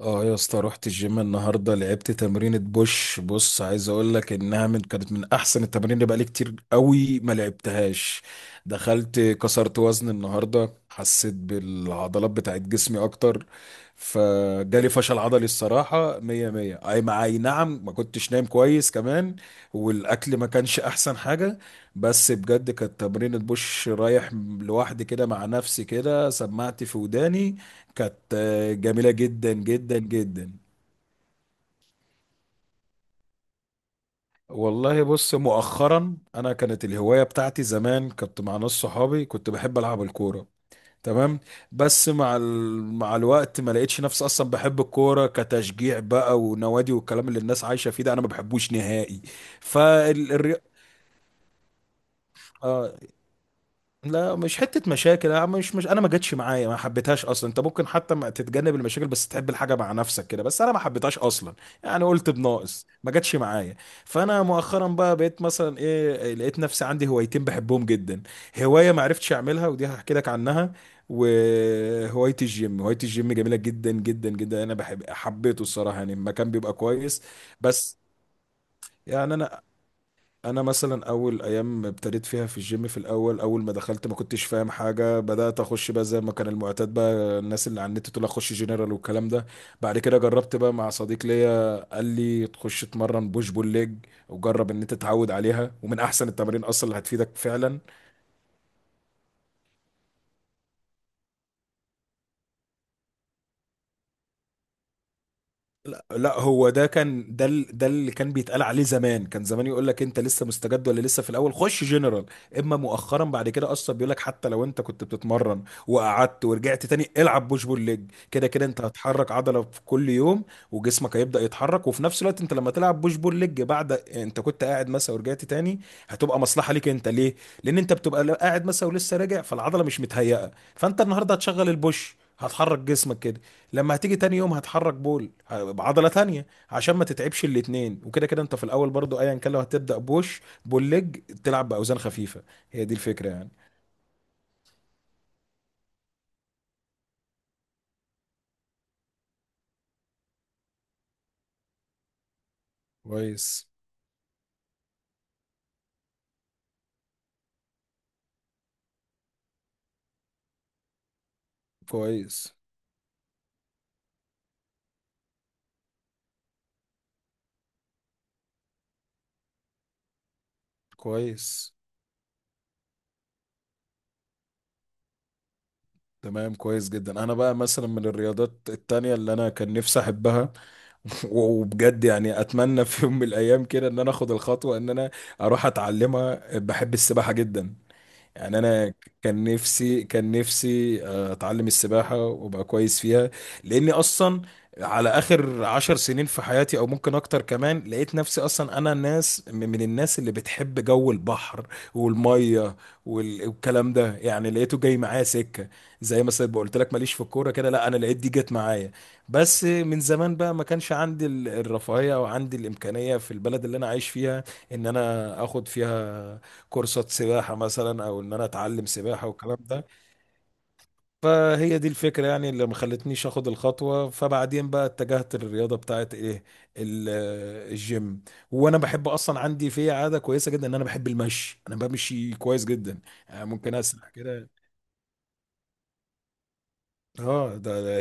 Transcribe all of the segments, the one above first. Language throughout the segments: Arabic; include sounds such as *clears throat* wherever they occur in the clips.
اه يا اسطى، رحت الجيم النهارده، لعبت تمرينة بوش. بص، عايز اقول لك انها من كانت من احسن التمارين اللي بقالي كتير قوي ما لعبتهاش. دخلت كسرت وزن النهارده، حسيت بالعضلات بتاعت جسمي اكتر. فجالي فشل عضلي الصراحة، مية مية. اي مع اي، نعم. ما كنتش نايم كويس كمان، والاكل ما كانش احسن حاجة. بس بجد كانت تمرينة بوش رايح، لوحدي كده مع نفسي كده، سمعت في وداني. كانت جميلة جدا جدا جدا. والله بص، مؤخرا انا كانت الهواية بتاعتي زمان، كنت مع ناس صحابي، كنت بحب العب الكورة، تمام. بس مع ال... مع الوقت ما لقيتش نفسي اصلا بحب الكورة كتشجيع بقى ونوادي والكلام اللي الناس عايشة فيه ده، انا ما بحبوش نهائي. فالرياضة، لا مش حتة مشاكل. انا مش انا ما جاتش معايا، ما حبيتهاش اصلا. انت ممكن حتى ما تتجنب المشاكل بس تحب الحاجة مع نفسك كده، بس انا ما حبيتهاش اصلا. يعني قلت بناقص، ما جاتش معايا. فانا مؤخرا بقى بقيت مثلا ايه، لقيت نفسي عندي هوايتين بحبهم جدا. هواية ما عرفتش اعملها، ودي هحكي لك عنها، وهواية الجيم. هواية الجيم جميلة جدا جدا جدا، انا بحب حبيته الصراحة، يعني المكان بيبقى كويس. بس يعني انا انا مثلا اول ايام ابتديت فيها في الجيم، في الاول، اول ما دخلت ما كنتش فاهم حاجه. بدات اخش بقى زي ما كان المعتاد بقى، الناس اللي على النت تقول اخش جنرال والكلام ده. بعد كده جربت بقى مع صديق ليا، قال لي تخش تمرن بوش بول ليج، وجرب ان انت تتعود عليها، ومن احسن التمارين اصلا اللي هتفيدك فعلا. لا، هو ده كان ده اللي كان بيتقال عليه زمان. كان زمان يقول لك انت لسه مستجد ولا لسه في الاول، خش جنرال. اما مؤخرا بعد كده اصلا بيقول لك حتى لو انت كنت بتتمرن وقعدت ورجعت تاني، العب بوش بول ليج. كده كده انت هتحرك عضله في كل يوم، وجسمك هيبدا يتحرك. وفي نفس الوقت انت لما تلعب بوش بول ليج بعد انت كنت قاعد مثلا ورجعت تاني، هتبقى مصلحه ليك انت ليه، لان انت بتبقى قاعد مثلا ولسه راجع، فالعضله مش متهيئه. فانت النهارده هتشغل البوش، هتحرك جسمك كده، لما هتيجي تاني يوم هتحرك بول بعضله تانية عشان ما تتعبش الاتنين. وكده كده انت في الاول برضو ايا كان لو هتبدا بوش بول ليج، تلعب باوزان خفيفه. هي دي الفكره يعني. كويس كويس كويس، تمام، كويس جدا. انا بقى مثلا من الرياضات التانية اللي انا كان نفسي احبها، *laughs* وبجد يعني اتمنى في يوم من الايام كده ان انا اخد الخطوة ان انا اروح اتعلمها، بحب السباحة جدا. يعني انا كان نفسي، كان نفسي اتعلم السباحه وابقى كويس فيها. لاني اصلا على اخر عشر سنين في حياتي او ممكن اكتر كمان، لقيت نفسي اصلا انا الناس، من الناس اللي بتحب جو البحر والميه والكلام ده، يعني لقيته جاي معايا سكه. زي مثلا ما قلت لك ماليش في الكوره كده، لا انا لقيت دي جت معايا. بس من زمان بقى ما كانش عندي الرفاهيه او عندي الامكانيه في البلد اللي انا عايش فيها ان انا اخد فيها كورسات سباحة مثلا، او ان انا اتعلم سباحة والكلام ده. فهي دي الفكرة يعني اللي ما خلتنيش اخد الخطوة. فبعدين بقى اتجهت للرياضة بتاعت ايه، ال- الجيم. وانا بحب اصلا، عندي في عادة كويسة جدا، ان انا بحب المشي، انا بمشي كويس جدا. يعني ممكن اسرح كده. اه، ده ده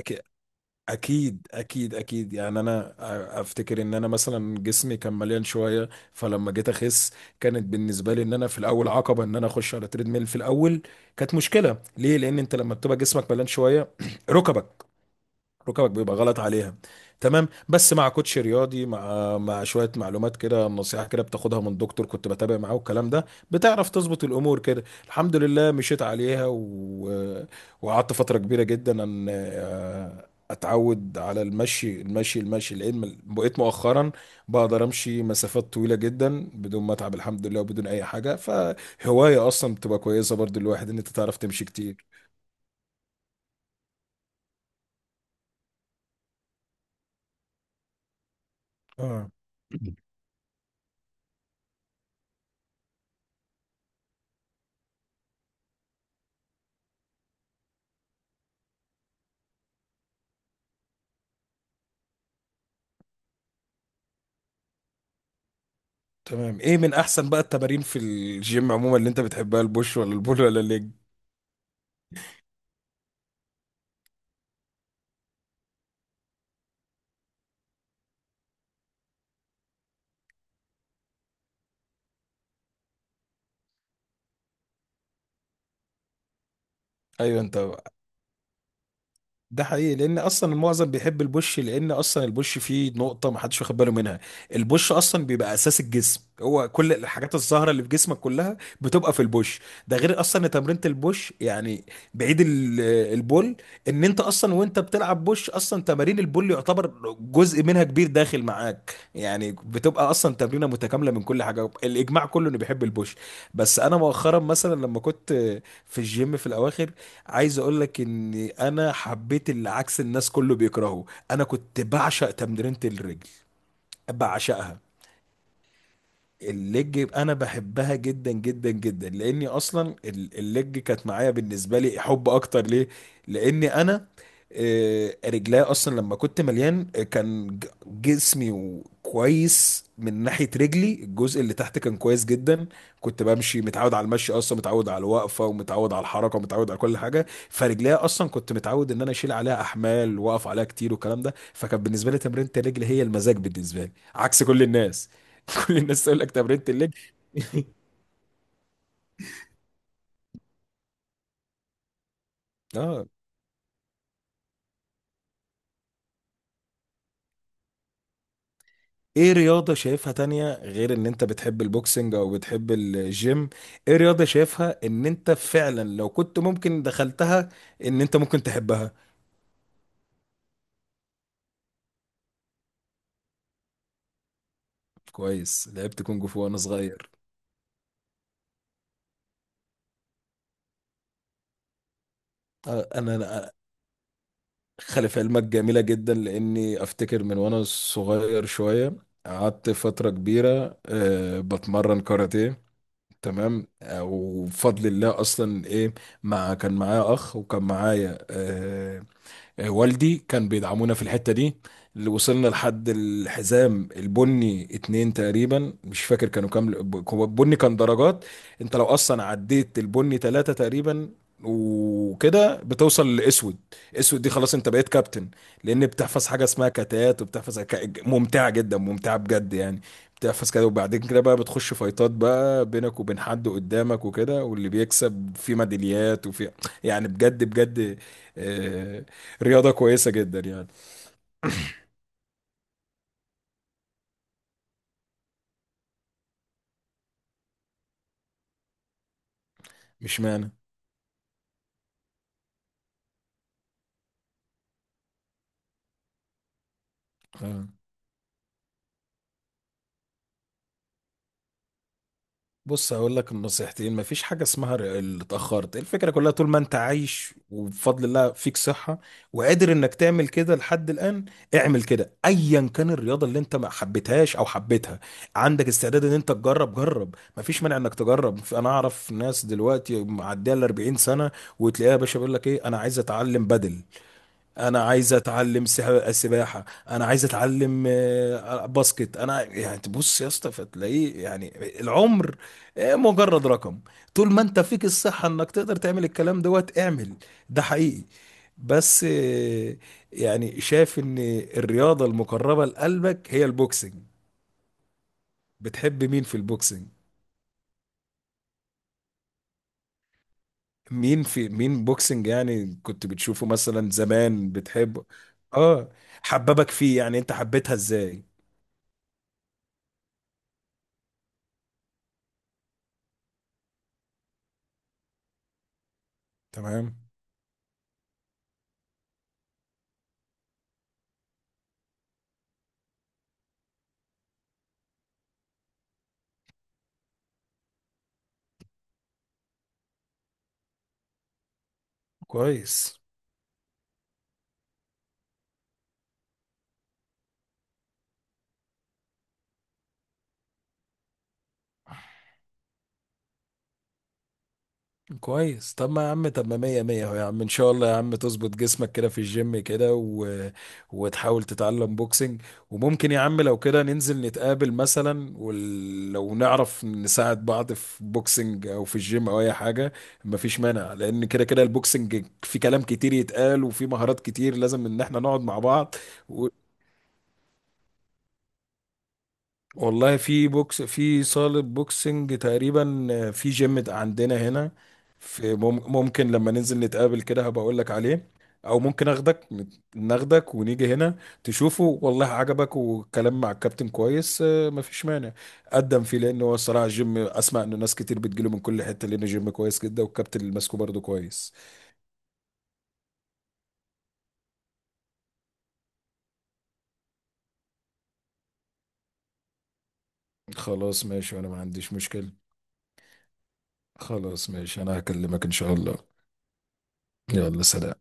اكيد اكيد اكيد. يعني انا افتكر ان انا مثلا جسمي كان مليان شويه، فلما جيت اخس كانت بالنسبه لي ان انا في الاول عقبه ان انا اخش على تريد ميل. في الاول كانت مشكله ليه، لان انت لما بتبقى جسمك مليان شويه *clears throat* ركبك، ركبك بيبقى غلط عليها، تمام. بس مع كوتش رياضي، مع شويه معلومات كده، نصيحه كده بتاخدها من دكتور كنت بتابع معاه والكلام ده، بتعرف تظبط الامور كده الحمد لله. وقعدت فتره كبيره جدا ان اتعود على المشي المشي المشي، لان بقيت مؤخرا بقدر امشي مسافات طويله جدا بدون ما اتعب، الحمد لله، وبدون اي حاجه. فهوايه اصلا بتبقى كويسه برضو الواحد، ان انت تعرف تمشي كتير. اه، تمام. ايه من احسن بقى التمارين في الجيم عموما اللي انت بتحبها، البوش ولا البول ولا الليج؟ ايوه، انت ده حقيقي. لان اصلا المعظم بيحب البوش، لان اصلا البوش فيه نقطه ما حدش واخد باله منها. البوش اصلا بيبقى اساس الجسم، هو كل الحاجات الزهره اللي في جسمك كلها بتبقى في البوش. ده غير اصلا إن تمرينه البوش يعني، بعيد البول، ان انت اصلا وانت بتلعب بوش اصلا تمارين البول يعتبر جزء منها كبير داخل معاك. يعني بتبقى اصلا تمرينه متكامله من كل حاجه. الاجماع كله انه بيحب البوش، بس انا مؤخرا مثلا لما كنت في الجيم في الاواخر، عايز اقول لك ان انا حبيت اللي عكس الناس كله بيكرهه. انا كنت بعشق تمرينة الرجل، بعشقها. الليج انا بحبها جدا جدا جدا، لاني اصلا الليج كانت معايا بالنسبه لي حب اكتر ليه. لاني انا رجليا اصلا لما كنت مليان، كان جسمي كويس من ناحيه رجلي. الجزء اللي تحت كان كويس جدا، كنت بمشي، متعود على المشي اصلا، متعود على الوقفه، ومتعود على الحركه، ومتعود على كل حاجه. فرجليا اصلا كنت متعود ان انا اشيل عليها احمال، واقف عليها كتير والكلام ده. فكان بالنسبه لي تمرينة الرجل هي المزاج بالنسبه لي، عكس كل الناس. *laughs* كل الناس تقول لك تمرينة الليج. اه. ايه رياضة شايفها تانية غير ان انت بتحب البوكسنج او بتحب الجيم؟ ايه رياضة شايفها ان انت فعلا لو كنت ممكن دخلتها ان انت ممكن تحبها؟ كويس، لعبت كونج فو وانا صغير. آه، انا أنا خلف علمك جميلة جدا. لاني افتكر من وانا صغير شوية، قعدت فترة كبيرة بتمرن كاراتيه، تمام. وبفضل الله اصلا ايه، كان معايا اخ، وكان معايا والدي كان بيدعمونا في الحتة دي اللي وصلنا لحد الحزام البني اتنين تقريبا، مش فاكر كانوا كام. هو البني كان درجات، انت لو اصلا عديت البني تلاتة تقريبا وكده، بتوصل لاسود. اسود دي خلاص انت بقيت كابتن. لان بتحفظ حاجه اسمها كتات، وبتحفظ ممتعه جدا، ممتعه بجد يعني. بتحفظ كده، وبعدين كده بقى بتخش فايتات بقى بينك وبين حد قدامك وكده، واللي بيكسب في ميداليات وفي، يعني بجد بجد آه، رياضة كويسة جدا يعني. مش معنى آه. بص هقول لك النصيحتين، مفيش حاجة اسمها اللي اتأخرت. الفكرة كلها طول ما انت عايش وبفضل الله فيك صحة وقادر انك تعمل كده لحد الآن، اعمل كده. ايا كان الرياضة اللي انت ما حبيتهاش او حبيتها، عندك استعداد ان انت تجرب، جرب، مفيش مانع انك تجرب. انا اعرف ناس دلوقتي معدية ال 40 سنة، وتلاقيها يا باشا بيقول لك ايه، انا عايز اتعلم بدل، انا عايز اتعلم السباحه، انا عايز اتعلم باسكت، انا يعني تبص يا اسطى فتلاقيه يعني. العمر مجرد رقم، طول ما انت فيك الصحه انك تقدر تعمل الكلام دوت، اعمل. ده حقيقي. بس يعني شايف ان الرياضه المقربه لقلبك هي البوكسنج. بتحب مين في البوكسنج؟ مين في مين بوكسنج، يعني كنت بتشوفه مثلا زمان بتحبه؟ اه، حببك فيه، يعني انت حبيتها ازاي؟ تمام، كويس كويس. طب ما يا عم، طب ما مية مية اهو يا عم. ان شاء الله يا عم تظبط جسمك كده في الجيم كده وتحاول تتعلم بوكسنج. وممكن يا عم لو كده ننزل نتقابل مثلا، ولو نعرف نساعد بعض في بوكسنج او في الجيم او اي حاجة، مفيش مانع. لان كده كده البوكسنج في كلام كتير يتقال، وفي مهارات كتير لازم ان احنا نقعد مع بعض. والله في بوكس، في صالة بوكسنج تقريبا في جيم عندنا هنا. في ممكن لما ننزل نتقابل كده هبقى اقول لك عليه، او ممكن اخدك، ناخدك ونيجي هنا تشوفه. والله عجبك والكلام مع الكابتن كويس مفيش مانع. قدم فيه، لان هو الصراحة الجيم اسمع انه ناس كتير بتجيله من كل حتة، لانه جيم كويس جدا، والكابتن اللي ماسكه برضه كويس. خلاص ماشي، وانا ما عنديش مشكلة. خلاص ماشي، انا هكلمك ان شاء الله. يلا سلام.